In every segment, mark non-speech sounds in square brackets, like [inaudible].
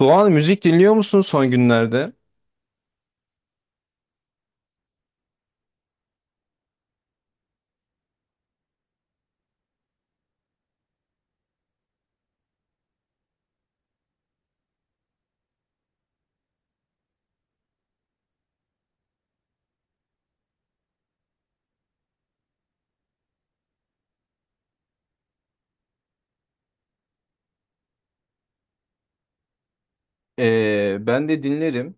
Doğan, müzik dinliyor musun son günlerde? Ben de dinlerim.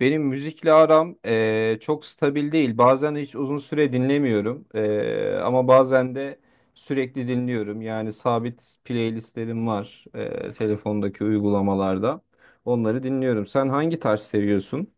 Benim müzikle aram çok stabil değil. Bazen hiç uzun süre dinlemiyorum. Ama bazen de sürekli dinliyorum. Yani sabit playlistlerim var telefondaki uygulamalarda. Onları dinliyorum. Sen hangi tarz seviyorsun?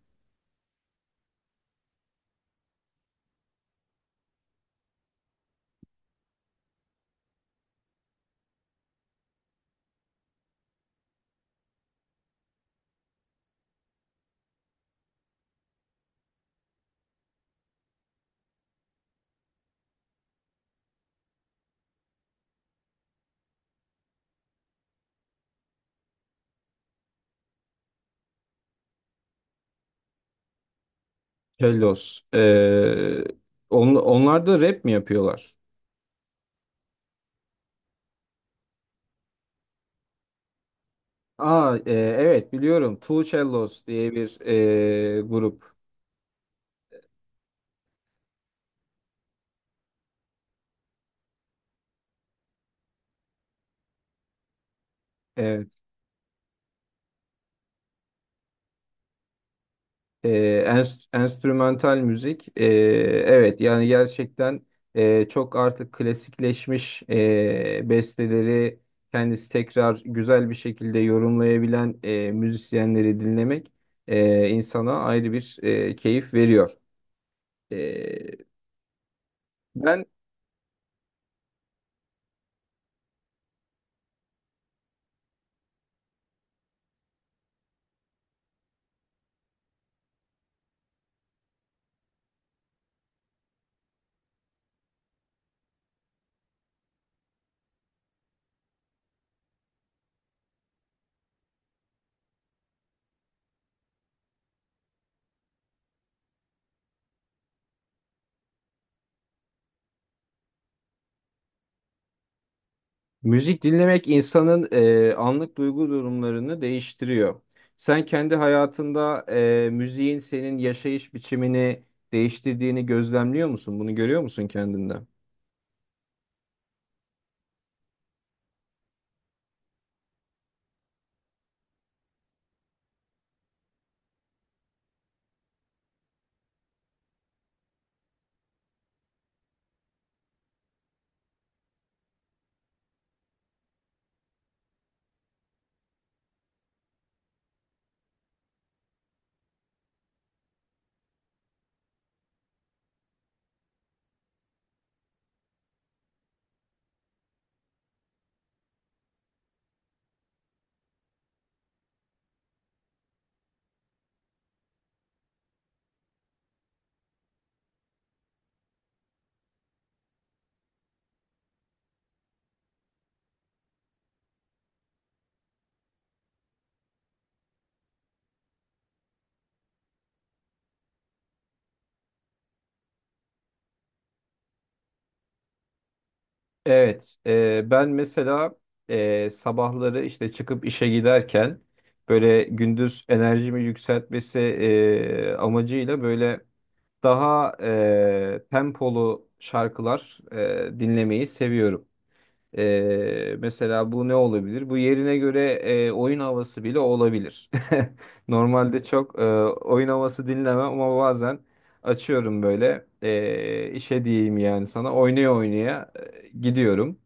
Hellos. Onlar da rap mi yapıyorlar? Aa, evet biliyorum. Two Cellos diye bir grup. Evet. E, Enstrümantal müzik, evet, yani gerçekten çok artık klasikleşmiş besteleri kendisi tekrar güzel bir şekilde yorumlayabilen müzisyenleri dinlemek insana ayrı bir keyif veriyor. E, ben Müzik dinlemek insanın anlık duygu durumlarını değiştiriyor. Sen kendi hayatında müziğin senin yaşayış biçimini değiştirdiğini gözlemliyor musun? Bunu görüyor musun kendinde? Evet, ben mesela sabahları işte çıkıp işe giderken böyle gündüz enerjimi yükseltmesi amacıyla böyle daha tempolu şarkılar dinlemeyi seviyorum. Mesela bu ne olabilir? Bu yerine göre oyun havası bile olabilir. [laughs] Normalde çok oyun havası dinlemem ama bazen açıyorum böyle, işe diyeyim yani sana, oynaya oynaya gidiyorum.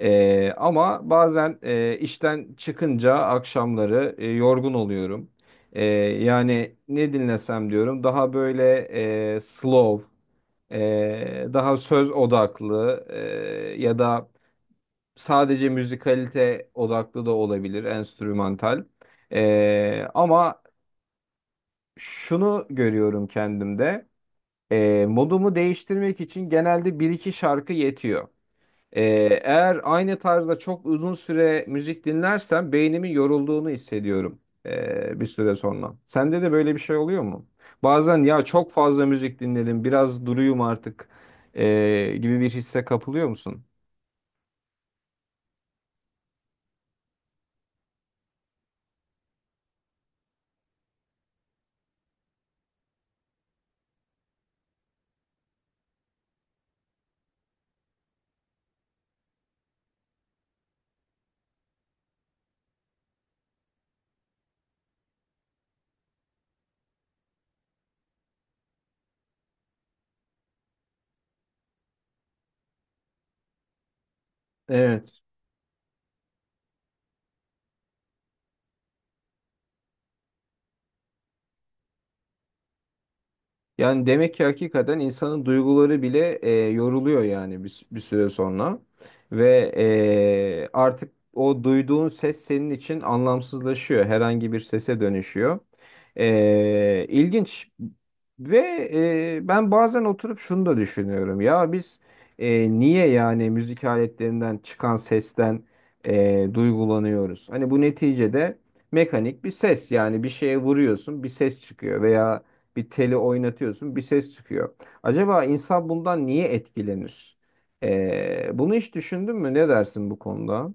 Ama bazen işten çıkınca akşamları yorgun oluyorum. Ee, Yani ne dinlesem diyorum, daha böyle slow, daha söz odaklı, ya da sadece müzikalite odaklı da olabilir, enstrümantal. Ama şunu görüyorum kendimde. Modumu değiştirmek için genelde bir iki şarkı yetiyor. Ee, Eğer aynı tarzda çok uzun süre müzik dinlersem beynimin yorulduğunu hissediyorum bir süre sonra. Sende de böyle bir şey oluyor mu? Bazen "ya çok fazla müzik dinledim, biraz duruyum artık gibi" bir hisse kapılıyor musun? Yani demek ki hakikaten insanın duyguları bile yoruluyor yani bir süre sonra. Ve artık o duyduğun ses senin için anlamsızlaşıyor. Herhangi bir sese dönüşüyor. İlginç. Ve ben bazen oturup şunu da düşünüyorum. Ya biz niye yani müzik aletlerinden çıkan sesten duygulanıyoruz? Hani bu neticede mekanik bir ses, yani bir şeye vuruyorsun bir ses çıkıyor veya bir teli oynatıyorsun, bir ses çıkıyor. Acaba insan bundan niye etkilenir? Bunu hiç düşündün mü? Ne dersin bu konuda?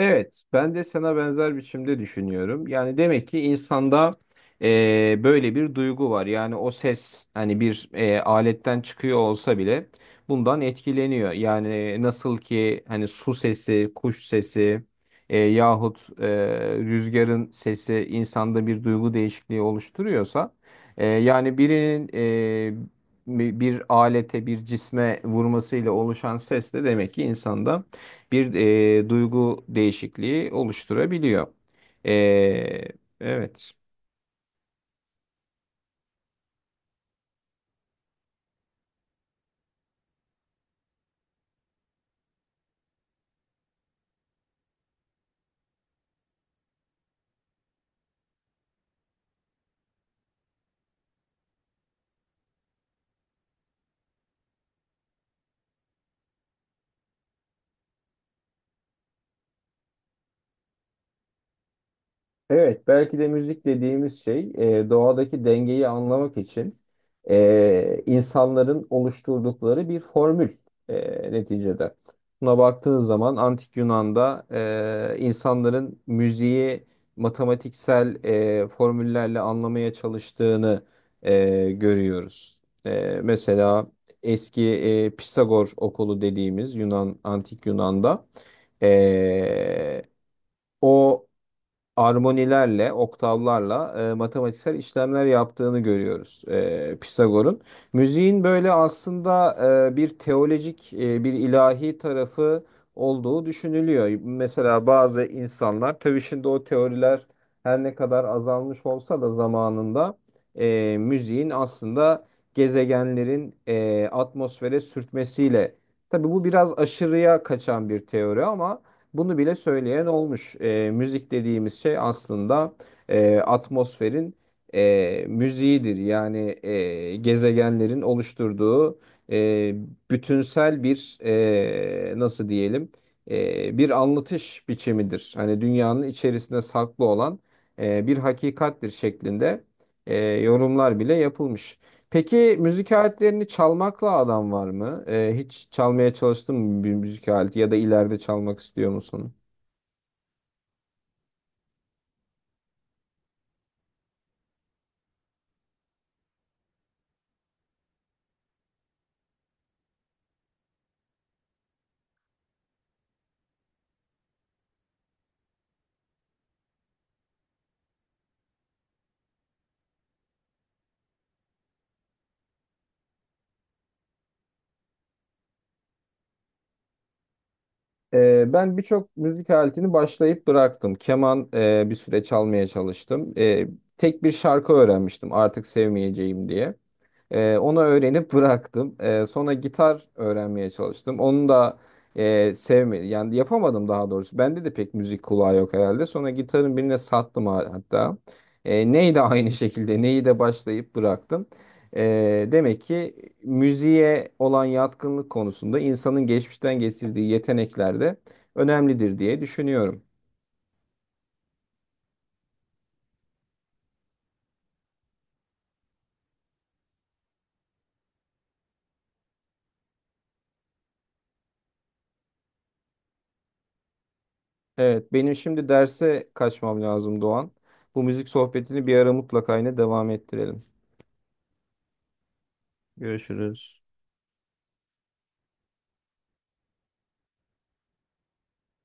Evet, ben de sana benzer biçimde düşünüyorum. Yani demek ki insanda böyle bir duygu var. Yani o ses hani bir aletten çıkıyor olsa bile bundan etkileniyor. Yani nasıl ki hani su sesi, kuş sesi, yahut rüzgarın sesi insanda bir duygu değişikliği oluşturuyorsa, yani birinin bir alete, bir cisme vurmasıyla oluşan ses de demek ki insanda bir duygu değişikliği oluşturabiliyor. E, evet. Evet, belki de müzik dediğimiz şey doğadaki dengeyi anlamak için insanların oluşturdukları bir formül, neticede. Buna baktığınız zaman Antik Yunan'da insanların müziği matematiksel formüllerle anlamaya çalıştığını görüyoruz. Mesela eski Pisagor okulu dediğimiz Yunan Antik Yunan'da e, o armonilerle, oktavlarla matematiksel işlemler yaptığını görüyoruz, Pisagor'un. Müziğin böyle aslında bir teolojik, bir ilahi tarafı olduğu düşünülüyor. Mesela bazı insanlar, tabii şimdi o teoriler her ne kadar azalmış olsa da zamanında müziğin aslında gezegenlerin atmosfere sürtmesiyle, tabii bu biraz aşırıya kaçan bir teori ama bunu bile söyleyen olmuş. Müzik dediğimiz şey aslında atmosferin müziğidir. Yani gezegenlerin oluşturduğu e, bütünsel bir, nasıl diyelim, bir anlatış biçimidir. Hani dünyanın içerisinde saklı olan bir hakikattir şeklinde yorumlar bile yapılmış. Peki müzik aletlerini çalmakla adam var mı? Hiç çalmaya çalıştın mı bir müzik aleti ya da ileride çalmak istiyor musun? Ben birçok müzik aletini başlayıp bıraktım. Keman bir süre çalmaya çalıştım. Tek bir şarkı öğrenmiştim artık sevmeyeceğim diye. Onu öğrenip bıraktım. Sonra gitar öğrenmeye çalıştım. Onu da sevmedim. Yani yapamadım daha doğrusu. Bende de pek müzik kulağı yok herhalde. Sonra gitarın birine sattım, hatta. Neyi de aynı [laughs] şekilde neyi de başlayıp bıraktım. Demek ki müziğe olan yatkınlık konusunda insanın geçmişten getirdiği yetenekler de önemlidir diye düşünüyorum. Evet, benim şimdi derse kaçmam lazım Doğan. Bu müzik sohbetini bir ara mutlaka yine devam ettirelim. Görüşürüz.